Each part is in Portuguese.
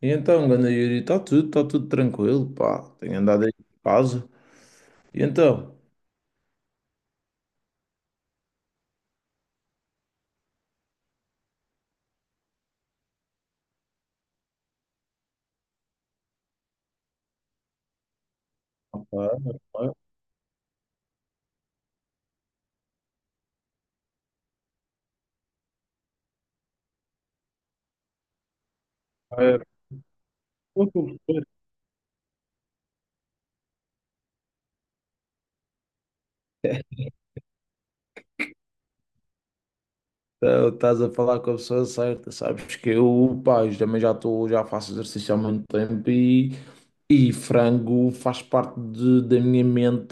E então, ganda Yuri, está tudo tranquilo, pá. Tenho andado aí de casa. E então? Opa, opa, é, opa. Então, estás a falar com a pessoa certa, sabes que eu, pá, eu também já faço exercício há muito tempo e frango faz parte da minha mente.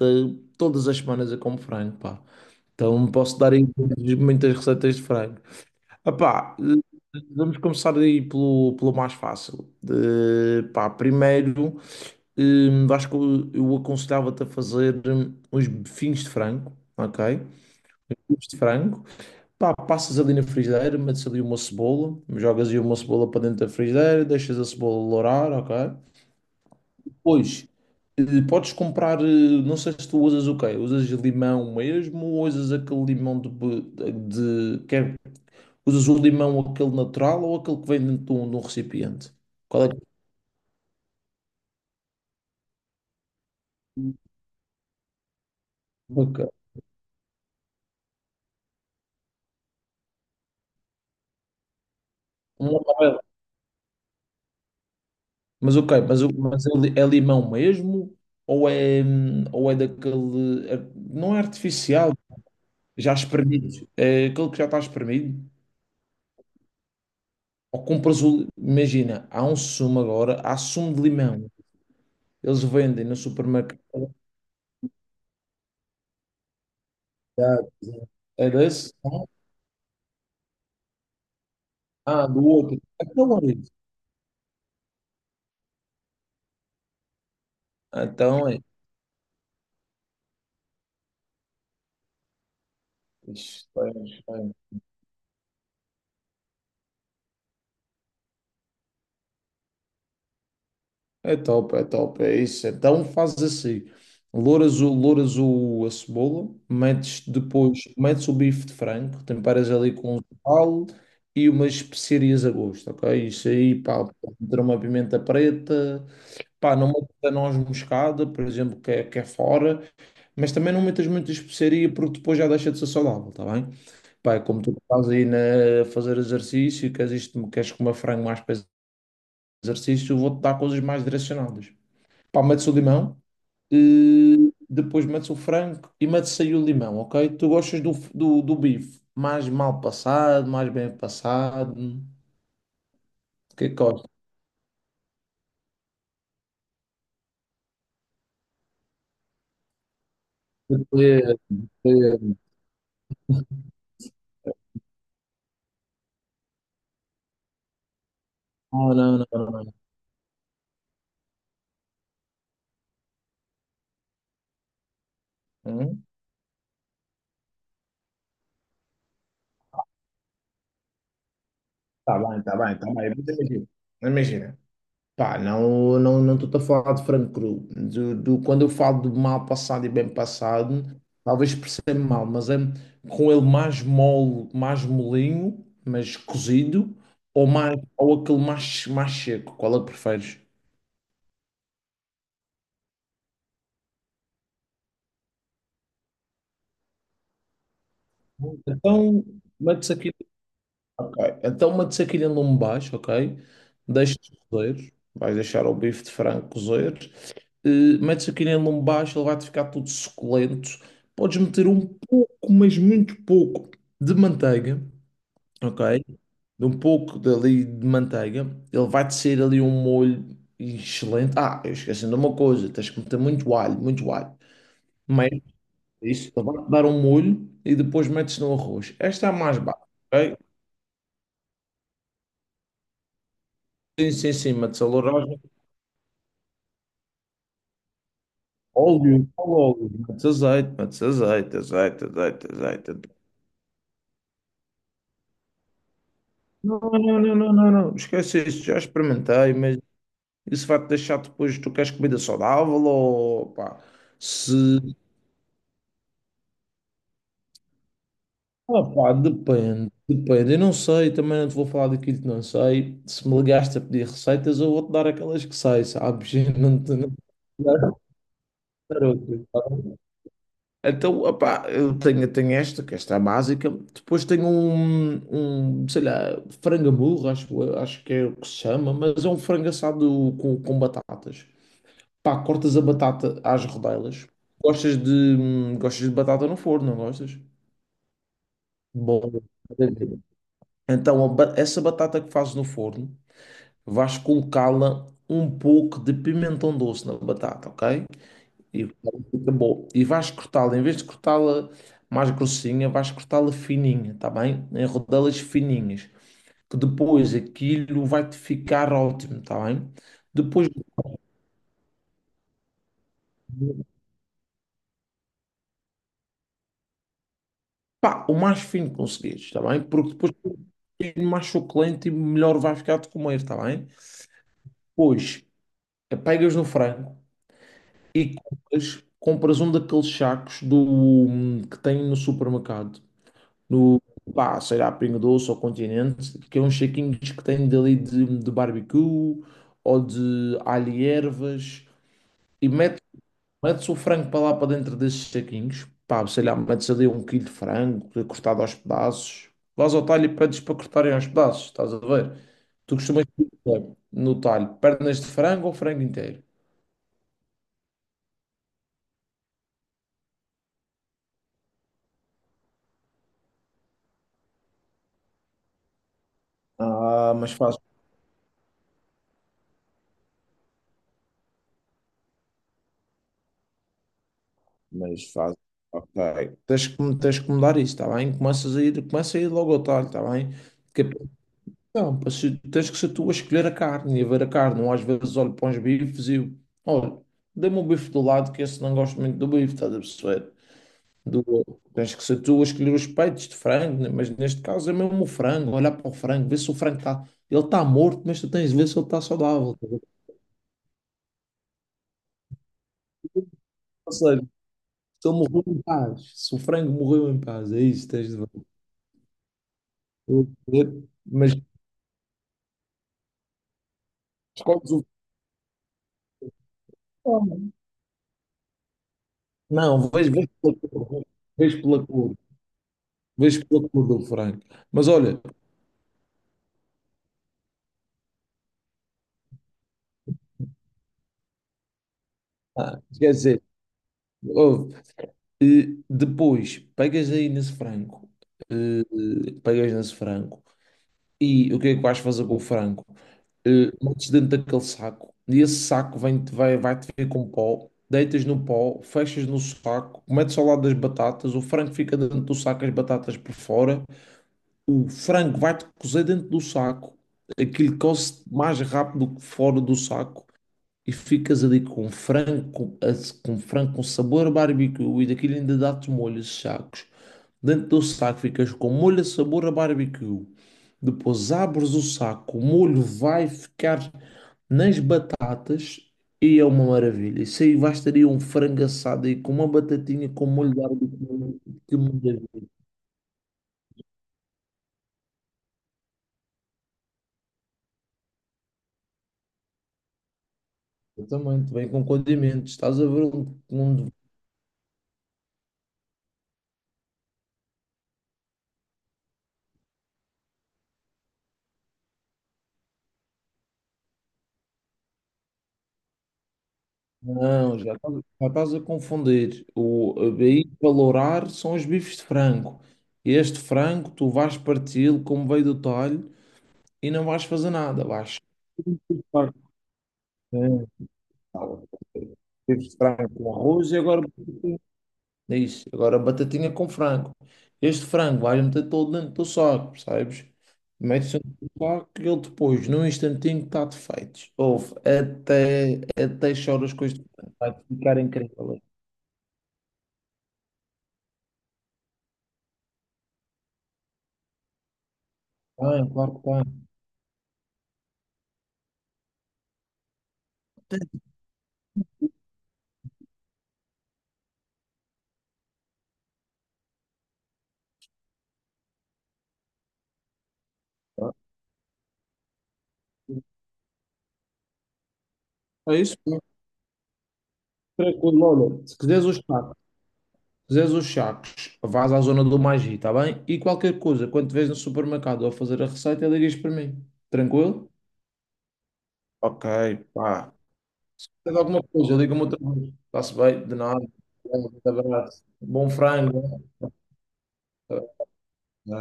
Todas as semanas eu como frango, pá. Então posso dar aí muitas muitas receitas de frango. Ah, pá, vamos começar aí pelo mais fácil. De, pá, primeiro. Acho que eu aconselhava-te a fazer uns bifinhos de frango, ok? Bifinhos de frango, pá, passas ali na frigideira, metes ali uma cebola, jogas aí uma cebola para dentro da frigideira, deixas a cebola lourar, ok? Depois, eh, podes comprar, não sei se tu usas o quê? Usas limão mesmo ou usas aquele limão usas o limão aquele natural ou aquele que vem dentro de um recipiente? Qual é que... Ok. Mas ok, é limão mesmo? Ou é daquele. Não é artificial, já espremido. É aquele que já está espremido. Ou compras o. Imagina, há sumo de limão. Eles vendem no supermercado. É desse? Ah, do outro. Então é isso. Então é isso. É top, é top, é isso. Então faz assim: louras a cebola, metes depois, metes o bife de frango, temperas ali com um sal e umas especiarias a gosto, ok? Isso aí, pá, pode meter uma pimenta preta, pá, não metas a noz moscada, por exemplo, que é fora, mas também não metas muita especiaria porque depois já deixa de ser saudável, tá bem? Pá, é como tu estás aí a fazer exercício, e queres comer frango mais para exercício, eu vou-te dar coisas mais direcionadas. Pá, metes o limão, depois metes o frango e metes aí o limão, ok? Tu gostas do bife mais mal passado, mais bem passado? O que é que gostas? Eh, eh, Não, não, não, não. Hum? Tá bem, tá bem, tá bem. Mas imagina, pá, não, não, não estou a falar de frango cru. Quando eu falo do mal passado e bem passado, talvez perceba mal, mas é com ele mais mole, mais molinho, mas cozido, ou aquele mais seco, qual é que preferes? Então, metes aquilo, ok. Então, metes aquilo em lume baixo, ok? Deixa cozer, vais deixar o bife de frango cozer, metes aquilo em lombo baixo, ele vai-te ficar todo suculento. Podes meter um pouco, mas muito pouco, de manteiga, ok? De um pouco dali de manteiga. Ele vai-te sair ali um molho excelente. Ah, eu esqueci de uma coisa, tens que meter muito alho, muito alho. Mas isso, ele vai-te dar um molho e depois metes no arroz. Esta é a mais básica, ok? Tens em cima de sal de óleo, metes azeite, azeite, azeite, azeite, não, não, não, não, não, não. Esquece isso, já experimentei, mas isso vai-te deixar depois, tu queres comida saudável ou pá, se... Ah, pá, depende, depende. Eu não sei, também não te vou falar daquilo que não sei. Se me ligaste a pedir receitas, eu vou-te dar aquelas que sei, sabes? Não te vou dar outras, tá bem? Então, opá, eu tenho esta, que esta é a básica. Depois tenho um, sei lá, frango à burro, acho que é o que se chama, mas é um frango assado com batatas. Pá, cortas a batata às rodelas. Gostas de batata no forno, não gostas? Bom. Então, essa batata que fazes no forno, vais colocá-la um pouco de pimentão doce na batata, ok? E fica bom. E vais cortá-la, em vez de cortá-la mais grossinha, vais cortá-la fininha, tá bem? Em rodelas fininhas, que depois aquilo vai-te ficar ótimo, tá bem? Depois, pá, o mais fino que conseguires, está bem? Porque depois é mais suculento e melhor vai ficar de comer, está bem? Pois, pegas no frango e compras um daqueles sacos que tem no supermercado. No, pá, sei lá, Pingo Doce ou Continente, que é uns saquinhos que tem dali de barbecue ou de alho e ervas. E metes Metes o frango para lá para dentro desses saquinhos, pá, sei lá, metes ali um quilo de frango cortado aos pedaços, vais ao talho e pedes para cortarem aos pedaços, estás a ver? Tu costumas pedir no talho, pernas de frango ou frango inteiro? Ah, mas faz. Mas faz. Ok. Tens que mudar isso, está bem? Começa a ir logo ao talho, está bem? Que é para- não, para se- tens que ser tu a escolher a carne e a ver a carne. Não às vezes olho para uns bifes e eu, olha, dê-me um bife do lado, que esse não gosto muito do bife, estás a perceber? Do, Tens que ser tu a escolher os peitos de frango, né? Mas neste caso é mesmo o frango, olhar para o frango, ver se o frango está. Ele está morto, mas tu tens de ver se ele está saudável. Tá a ver? Ou seja, se ele morreu em paz, se o frango morreu em paz, é isso, tens de ver. Eu vou dizer, mas escolhes o. Não, vês pela cor, vês pela cor, vês pela cor do frango. Mas olha, quer dizer, ouve, depois pegas aí nesse frango, eh, pegas nesse frango. E o que é que vais fazer com o frango? Metes dentro daquele saco. E esse saco vai-te ver com pó. Deitas no pó, fechas no saco, metes ao lado das batatas. O frango fica dentro do saco, as batatas por fora. O frango vai-te cozer dentro do saco. Aquilo coze mais rápido que fora do saco e ficas ali com frango com sabor a barbecue e daquilo ainda dá-te molhos sacos. Dentro do saco ficas com molho a sabor a barbecue. Depois abres o saco, o molho vai ficar nas batatas e é uma maravilha. Isso aí bastaria um frango assado aí com uma batatinha com molho de barbecue. Que maravilha. Também, também com condimentos. Estás a ver onde não, já estás a confundir. O a BI valorar são os bifes de frango. Este frango tu vais parti-lo como veio do talho e não vais fazer nada. Vais chupar. Sim, tá bom. Bifes de frango com arroz e agora é isso. Agora batatinha com frango. Este frango vais meter todo dentro do saco, percebes? Metes dentro do saco e ele depois, num instantinho, está-te feito. Ouve, até choras com este frango. Vai ficar incrível. Ah, claro que está. É isso? Tranquilo, olha, se quiseres os sacos, vais à zona do Magi, está bem? E qualquer coisa, quando te vês no supermercado a fazer a receita, ligas para mim. Tranquilo? Ok, pá. Se tens alguma coisa, liga-me outra vez. Está-se bem, de nada. Um abraço. Bom frango, né?